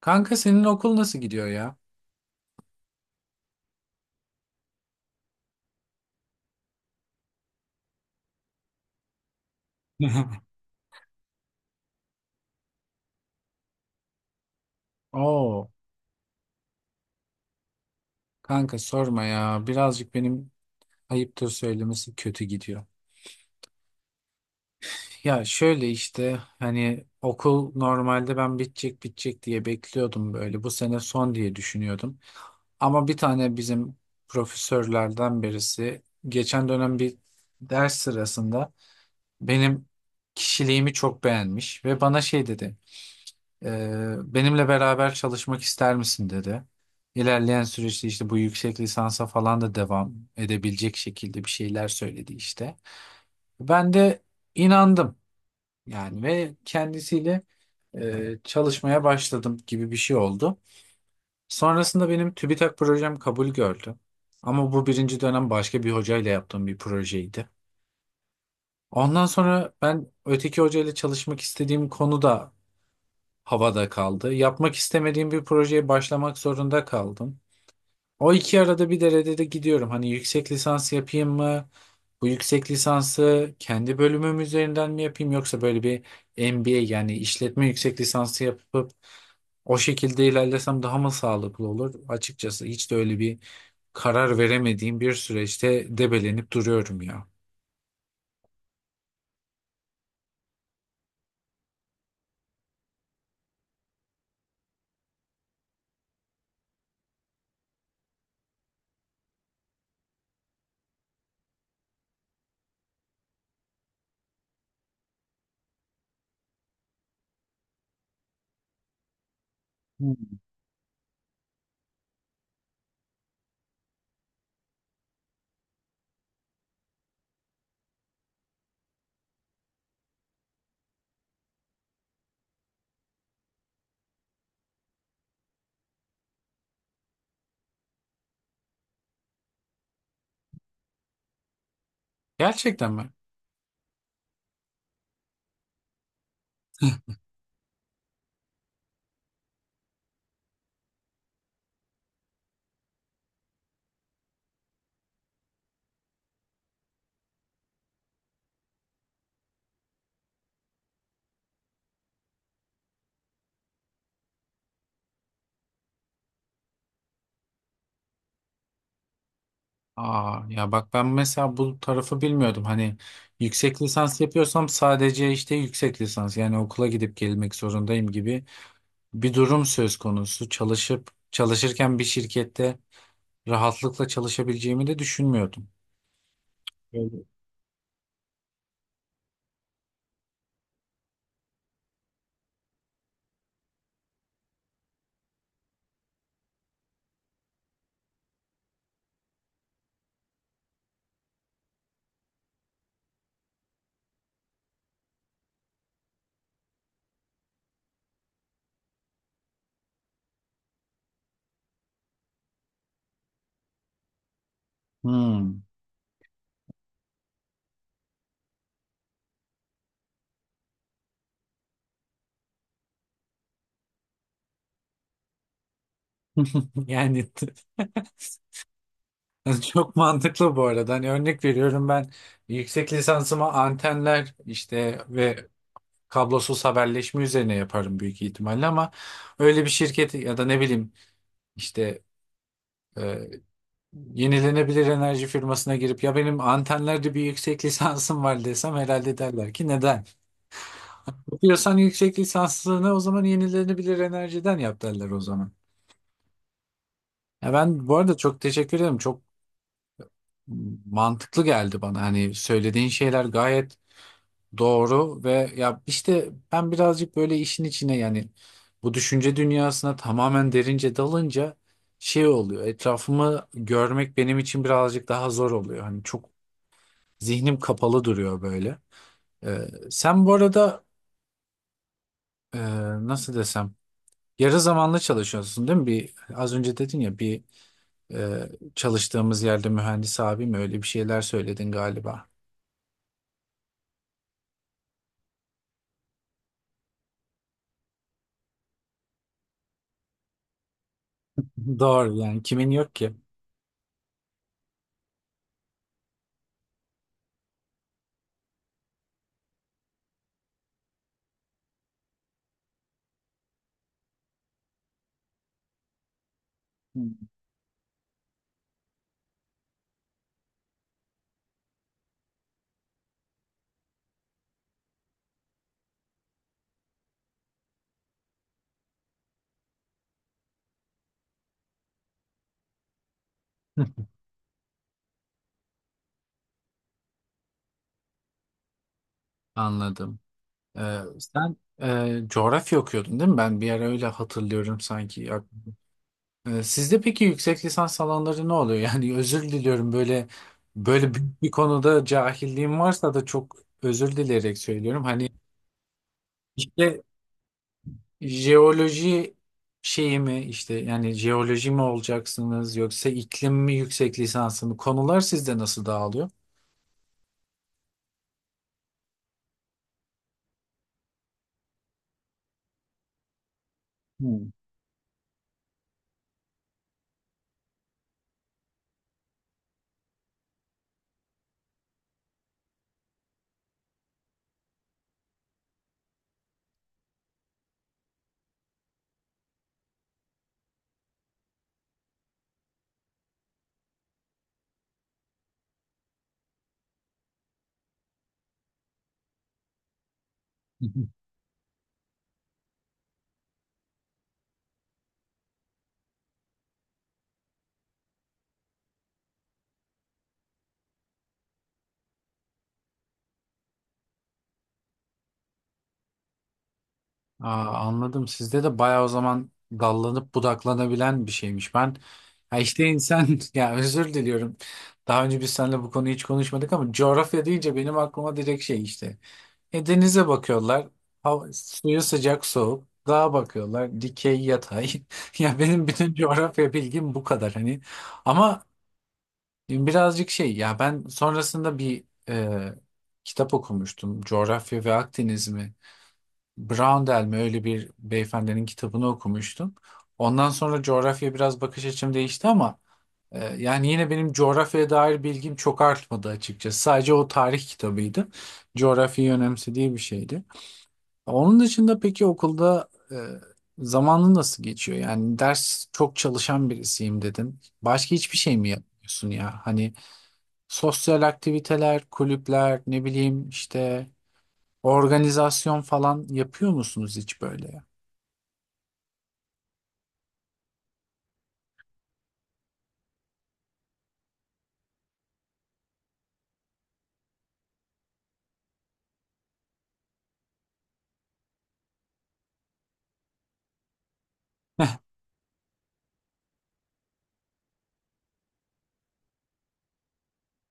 Kanka senin okul nasıl gidiyor ya? Oo, kanka sorma ya. Birazcık benim ayıptır söylemesi kötü gidiyor. Ya şöyle işte hani okul normalde ben bitecek diye bekliyordum böyle. Bu sene son diye düşünüyordum. Ama bir tane bizim profesörlerden birisi geçen dönem bir ders sırasında benim kişiliğimi çok beğenmiş ve bana şey dedi. Benimle beraber çalışmak ister misin dedi. İlerleyen süreçte işte bu yüksek lisansa falan da devam edebilecek şekilde bir şeyler söyledi işte. Ben de inandım yani ve kendisiyle çalışmaya başladım gibi bir şey oldu. Sonrasında benim TÜBİTAK projem kabul gördü. Ama bu birinci dönem başka bir hocayla yaptığım bir projeydi. Ondan sonra ben öteki hocayla çalışmak istediğim konu da havada kaldı. Yapmak istemediğim bir projeye başlamak zorunda kaldım. O iki arada bir derede de gidiyorum. Hani yüksek lisans yapayım mı? Bu yüksek lisansı kendi bölümüm üzerinden mi yapayım yoksa böyle bir MBA yani işletme yüksek lisansı yapıp o şekilde ilerlesem daha mı sağlıklı olur? Açıkçası hiç de öyle bir karar veremediğim bir süreçte debelenip duruyorum ya. Hmm. Gerçekten mi? Aa, ya bak ben mesela bu tarafı bilmiyordum. Hani yüksek lisans yapıyorsam sadece işte yüksek lisans yani okula gidip gelmek zorundayım gibi bir durum söz konusu. Çalışıp çalışırken bir şirkette rahatlıkla çalışabileceğimi de düşünmüyordum. Öyle. Hmm. Yani çok mantıklı bu arada. Hani örnek veriyorum ben yüksek lisansıma antenler işte ve kablosuz haberleşme üzerine yaparım büyük ihtimalle ama öyle bir şirket ya da ne bileyim işte yenilenebilir enerji firmasına girip ya benim antenlerde bir yüksek lisansım var desem herhalde derler ki neden? Yapıyorsan yüksek lisansını o zaman yenilenebilir enerjiden yap derler o zaman. Ya ben bu arada çok teşekkür ederim. Çok mantıklı geldi bana. Hani söylediğin şeyler gayet doğru ve ya işte ben birazcık böyle işin içine yani bu düşünce dünyasına tamamen derince dalınca şey oluyor. Etrafımı görmek benim için birazcık daha zor oluyor. Hani çok zihnim kapalı duruyor böyle. Sen bu arada e, nasıl desem yarı zamanlı çalışıyorsun değil mi? Bir az önce dedin ya bir e, çalıştığımız yerde mühendis abi mi öyle bir şeyler söyledin galiba. Doğru yani kimin yok ki? Hmm. Anladım. Sen coğrafya okuyordun değil mi? Ben bir ara öyle hatırlıyorum sanki. Sizde peki yüksek lisans alanları ne oluyor? Yani özür diliyorum böyle böyle büyük bir konuda cahilliğim varsa da çok özür dileyerek söylüyorum. Hani işte jeoloji şeyi mi işte yani jeoloji mi olacaksınız yoksa iklim mi yüksek lisansı mı? Konular sizde nasıl dağılıyor? Hmm. Aa, anladım. Sizde de bayağı o zaman dallanıp budaklanabilen bir şeymiş. Ben ya işte insan ya özür diliyorum. Daha önce biz seninle bu konuyu hiç konuşmadık ama coğrafya deyince benim aklıma direkt şey işte. E, denize bakıyorlar. Hava, suyu sıcak soğuk. Dağa bakıyorlar. Dikey yatay. Ya benim bütün coğrafya bilgim bu kadar hani. Ama birazcık şey ya ben sonrasında bir e, kitap okumuştum. Coğrafya ve Akdeniz mi? Brown mi öyle bir beyefendinin kitabını okumuştum. Ondan sonra coğrafya biraz bakış açım değişti ama yani yine benim coğrafyaya dair bilgim çok artmadı açıkçası. Sadece o tarih kitabıydı. Coğrafyayı önemsediği bir şeydi. Onun dışında peki okulda zamanın nasıl geçiyor? Yani ders çok çalışan birisiyim dedin. Başka hiçbir şey mi yapmıyorsun ya? Hani sosyal aktiviteler, kulüpler, ne bileyim işte organizasyon falan yapıyor musunuz hiç böyle?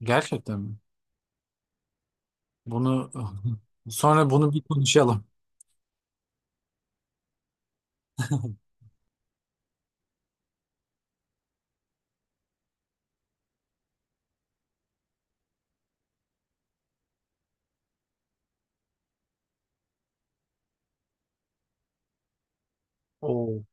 Gerçekten mi? Bunu sonra bunu bir konuşalım. Oo,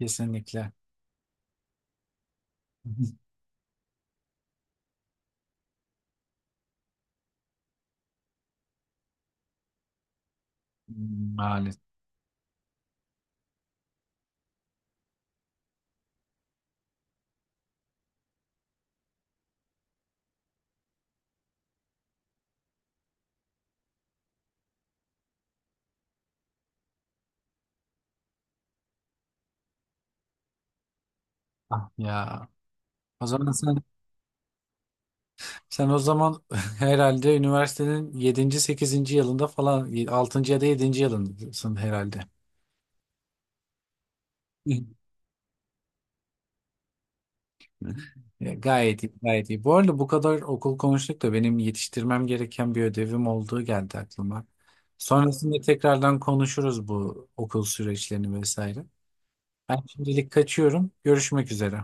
kesinlikle. Maalesef. Ah ya. O zaman sen o zaman herhalde üniversitenin 7. 8. yılında falan 6. ya da 7. yılındasın herhalde. E, gayet iyi, gayet iyi. Bu arada bu kadar okul konuştuk da benim yetiştirmem gereken bir ödevim olduğu geldi aklıma. Sonrasında tekrardan konuşuruz bu okul süreçlerini vesaire. Ben şimdilik kaçıyorum. Görüşmek üzere.